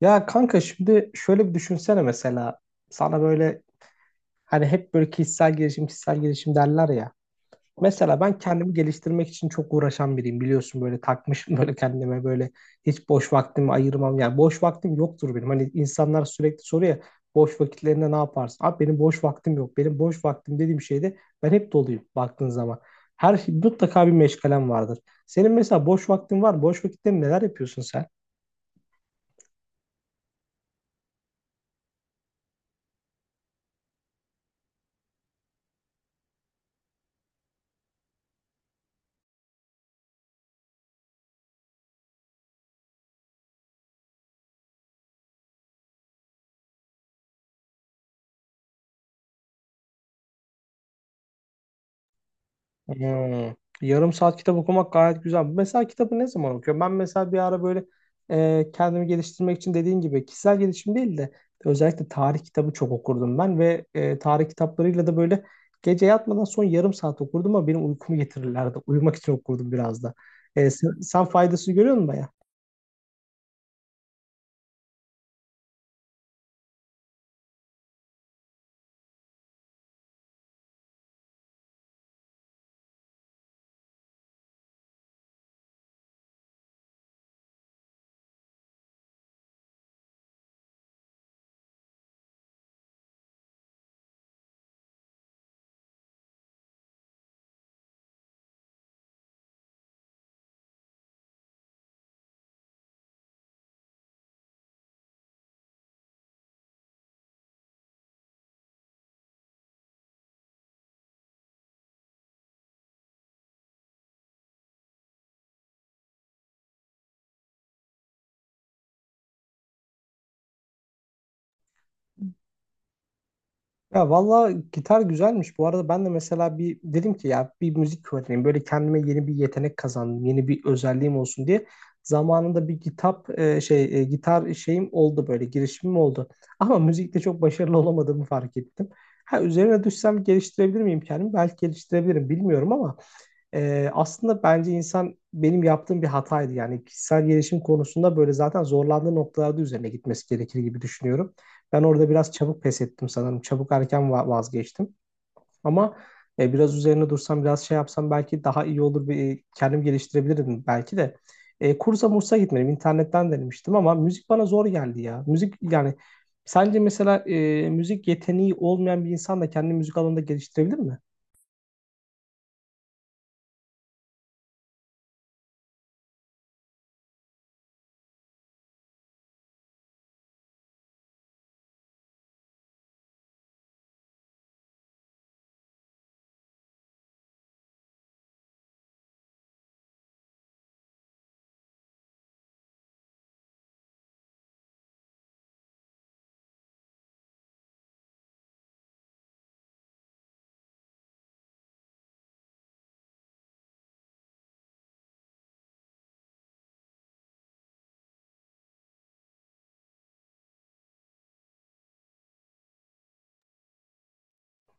Ya kanka şimdi şöyle bir düşünsene mesela sana böyle hani hep böyle kişisel gelişim kişisel gelişim derler ya. Mesela ben kendimi geliştirmek için çok uğraşan biriyim biliyorsun böyle takmışım böyle kendime böyle hiç boş vaktimi ayırmam yani boş vaktim yoktur benim. Hani insanlar sürekli soruyor ya boş vakitlerinde ne yaparsın? Abi benim boş vaktim yok. Benim boş vaktim dediğim şeyde ben hep doluyum baktığın zaman. Her şey, mutlaka bir meşgalem vardır. Senin mesela boş vaktin var mı? Boş vakitlerinde neler yapıyorsun sen? Hmm. Yarım saat kitap okumak gayet güzel. Mesela kitabı ne zaman okuyorum? Ben mesela bir ara böyle kendimi geliştirmek için dediğin gibi kişisel gelişim değil de özellikle tarih kitabı çok okurdum ben ve tarih kitaplarıyla da böyle gece yatmadan son yarım saat okurdum ama benim uykumu getirirlerdi. Uyumak için okurdum biraz da. Sen faydasını görüyor musun? Ya valla gitar güzelmiş. Bu arada ben de mesela bir dedim ki ya bir müzik öğreneyim. Böyle kendime yeni bir yetenek kazandım. Yeni bir özelliğim olsun diye. Zamanında bir kitap şey gitar şeyim oldu böyle girişimim oldu. Ama müzikte çok başarılı olamadığımı fark ettim. Ha üzerine düşsem geliştirebilir miyim kendimi? Belki geliştirebilirim bilmiyorum ama aslında bence insan benim yaptığım bir hataydı. Yani kişisel gelişim konusunda böyle zaten zorlandığı noktalarda üzerine gitmesi gerekir gibi düşünüyorum. Ben orada biraz çabuk pes ettim sanırım. Çabuk erken vazgeçtim. Ama biraz üzerine dursam, biraz şey yapsam belki daha iyi olur. Bir, kendim geliştirebilirdim belki de. Kursa mursa gitmedim. İnternetten denemiştim ama müzik bana zor geldi ya. Müzik yani sence mesela müzik yeteneği olmayan bir insan da kendi müzik alanında geliştirebilir mi?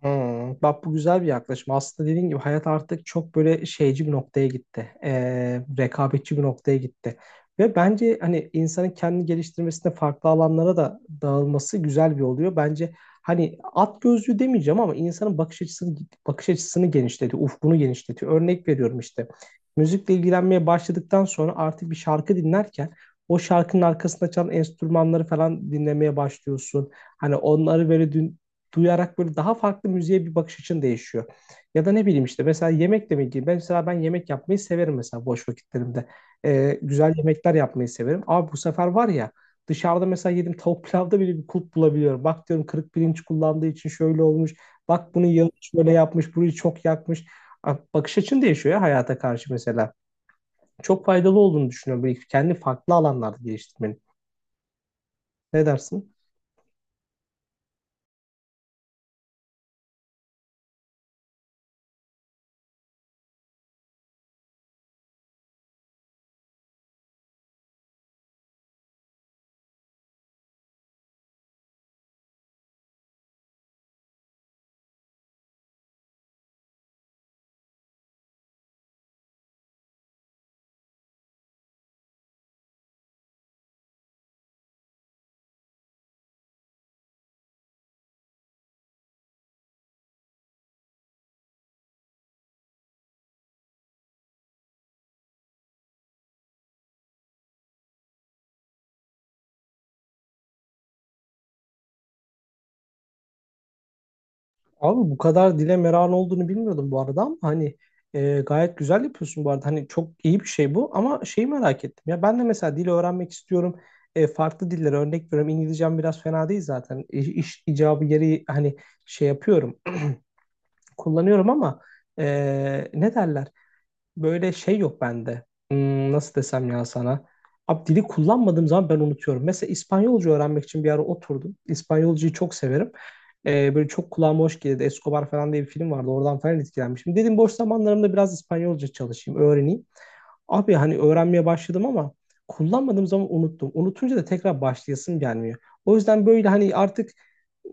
Hmm, bak bu güzel bir yaklaşım. Aslında dediğin gibi hayat artık çok böyle şeyci bir noktaya gitti. Rekabetçi bir noktaya gitti. Ve bence hani insanın kendini geliştirmesinde farklı alanlara da dağılması güzel bir oluyor. Bence hani at gözlüğü demeyeceğim ama insanın bakış açısını genişletiyor, ufkunu genişletiyor. Örnek veriyorum işte. Müzikle ilgilenmeye başladıktan sonra artık bir şarkı dinlerken o şarkının arkasında çalan enstrümanları falan dinlemeye başlıyorsun. Hani onları böyle duyarak böyle daha farklı müziğe bir bakış açın değişiyor. Ya da ne bileyim işte mesela yemek demek ki ben mesela ben yemek yapmayı severim mesela boş vakitlerimde. Güzel yemekler yapmayı severim. Abi bu sefer var ya dışarıda mesela yedim tavuk pilavda bile bir kulp bulabiliyorum. Bak diyorum kırık pirinç kullandığı için şöyle olmuş. Bak bunu yağını böyle yapmış, burayı çok yakmış. Abi bakış açın değişiyor ya hayata karşı mesela. Çok faydalı olduğunu düşünüyorum. Böyle kendi farklı alanlarda geliştirmenin. Ne dersin? Abi bu kadar dile meran olduğunu bilmiyordum bu arada ama hani gayet güzel yapıyorsun bu arada. Hani çok iyi bir şey bu ama şeyi merak ettim. Ya ben de mesela dil öğrenmek istiyorum. E, farklı dillere örnek veriyorum. İngilizcem biraz fena değil zaten. İş icabı yeri hani şey yapıyorum. Kullanıyorum ama ne derler? Böyle şey yok bende. Hmm, nasıl desem ya sana? Abi dili kullanmadığım zaman ben unutuyorum. Mesela İspanyolca öğrenmek için bir ara oturdum. İspanyolcayı çok severim. Böyle çok kulağıma hoş gelirdi. Escobar falan diye bir film vardı. Oradan falan etkilenmişim. Dedim boş zamanlarımda biraz İspanyolca çalışayım, öğreneyim. Abi hani öğrenmeye başladım ama kullanmadığım zaman unuttum. Unutunca da tekrar başlayasım gelmiyor. O yüzden böyle hani artık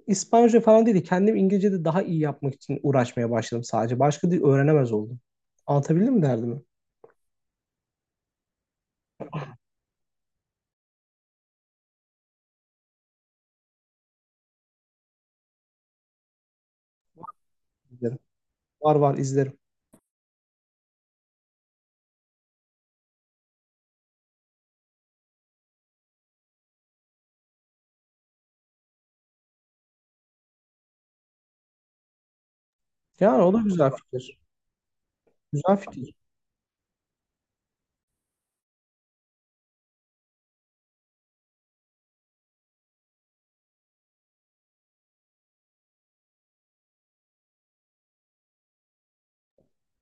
İspanyolca falan değil de kendim İngilizce'de daha iyi yapmak için uğraşmaya başladım sadece. Başka dil öğrenemez oldum. Anlatabildim mi derdimi? İzlerim. Var var izlerim. Yani o da güzel fikir. Güzel fikir.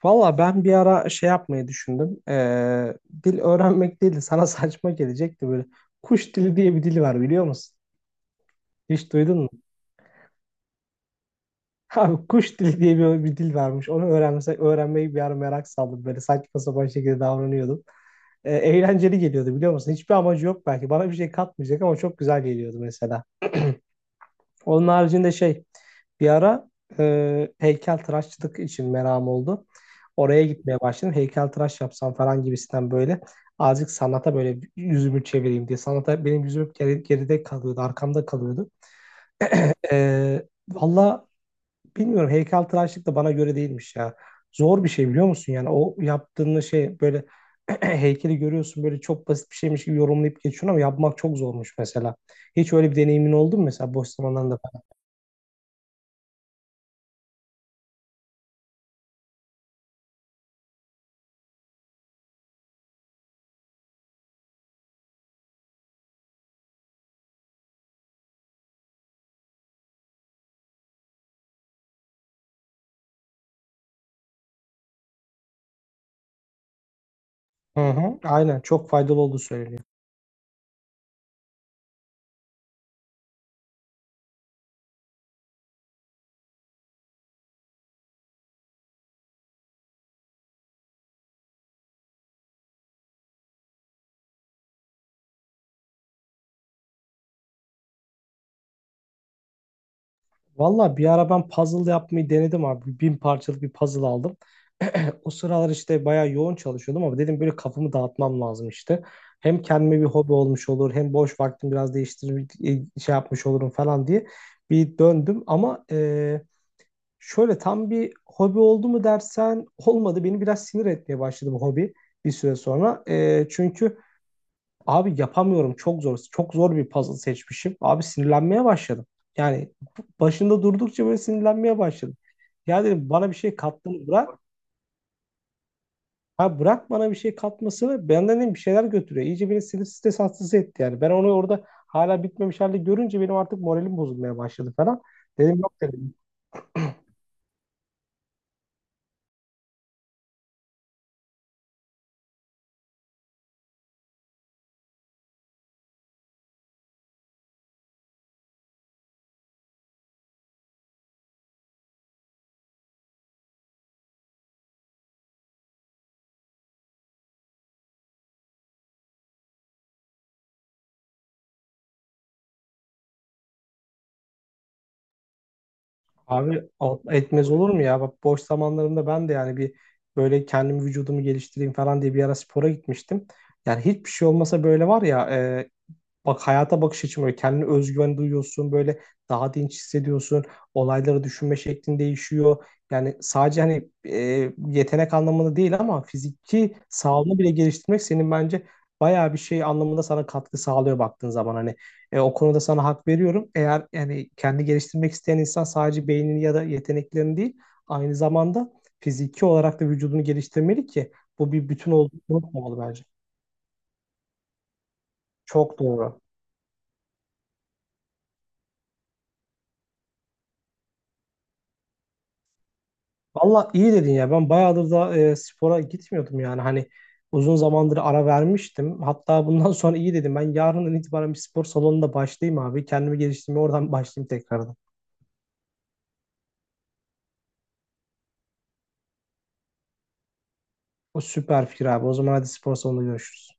Valla ben bir ara şey yapmayı düşündüm. Dil öğrenmek değil de sana saçma gelecekti böyle. Kuş dili diye bir dil var biliyor musun? Hiç duydun mu? Abi kuş dili diye bir dil varmış. Onu öğrenmesek öğrenmeyi bir ara merak saldım. Böyle saçma sapan şekilde davranıyordum. Eğlenceli geliyordu biliyor musun? Hiçbir amacı yok belki. Bana bir şey katmayacak ama çok güzel geliyordu mesela. Onun haricinde şey bir ara heykeltıraşçılık için merakım oldu. Oraya gitmeye başladım. Heykeltıraş yapsam falan gibisinden böyle azıcık sanata böyle yüzümü çevireyim diye. Sanata benim yüzüm geride kalıyordu, arkamda kalıyordu. Ee, vallahi bilmiyorum heykeltıraşlık da bana göre değilmiş ya. Zor bir şey biliyor musun? Yani o yaptığın şey böyle heykeli görüyorsun böyle çok basit bir şeymiş gibi yorumlayıp geçiyorsun ama yapmak çok zormuş mesela. Hiç öyle bir deneyimin oldu mu mesela boş zamanlarında falan? Hı hı, aynen çok faydalı olduğu söyleniyor. Valla bir ara ben puzzle yapmayı denedim abi. 1.000 parçalık bir puzzle aldım. O sıralar işte bayağı yoğun çalışıyordum ama dedim böyle kafamı dağıtmam lazım işte. Hem kendime bir hobi olmuş olur hem boş vaktimi biraz değiştirip şey yapmış olurum falan diye bir döndüm. Ama şöyle tam bir hobi oldu mu dersen olmadı. Beni biraz sinir etmeye başladı bu hobi bir süre sonra. E, çünkü Abi yapamıyorum çok zor. Çok zor bir puzzle seçmişim. Abi sinirlenmeye başladım. Yani başında durdukça böyle sinirlenmeye başladım. Ya dedim bana bir şey kattığını bırak. Ha bırak bana bir şey katmasını benden dedim bir şeyler götürüyor. İyice beni sinir stres hastası etti yani. Ben onu orada hala bitmemiş halde görünce benim artık moralim bozulmaya başladı falan. Dedim yok dedim. Abi etmez olur mu ya? Bak boş zamanlarımda ben de yani bir böyle kendim vücudumu geliştireyim falan diye bir ara spora gitmiştim. Yani hiçbir şey olmasa böyle var ya e, bak hayata bakış açım böyle kendine özgüven duyuyorsun böyle daha dinç hissediyorsun, olayları düşünme şeklin değişiyor. Yani sadece hani yetenek anlamında değil ama fiziki sağlığını bile geliştirmek senin bence bayağı bir şey anlamında sana katkı sağlıyor baktığın zaman. Hani o konuda sana hak veriyorum. Eğer yani kendi geliştirmek isteyen insan sadece beynini ya da yeteneklerini değil aynı zamanda fiziki olarak da vücudunu geliştirmeli ki bu bir bütün olduğunu unutmamalı bence. Çok doğru. Valla iyi dedin ya. Ben bayağıdır da spora gitmiyordum yani. Hani uzun zamandır ara vermiştim. Hatta bundan sonra iyi dedim. Ben yarından itibaren bir spor salonunda başlayayım abi. Kendimi geliştirmeye oradan başlayayım tekrardan. O süper fikir abi. O zaman hadi spor salonunda görüşürüz.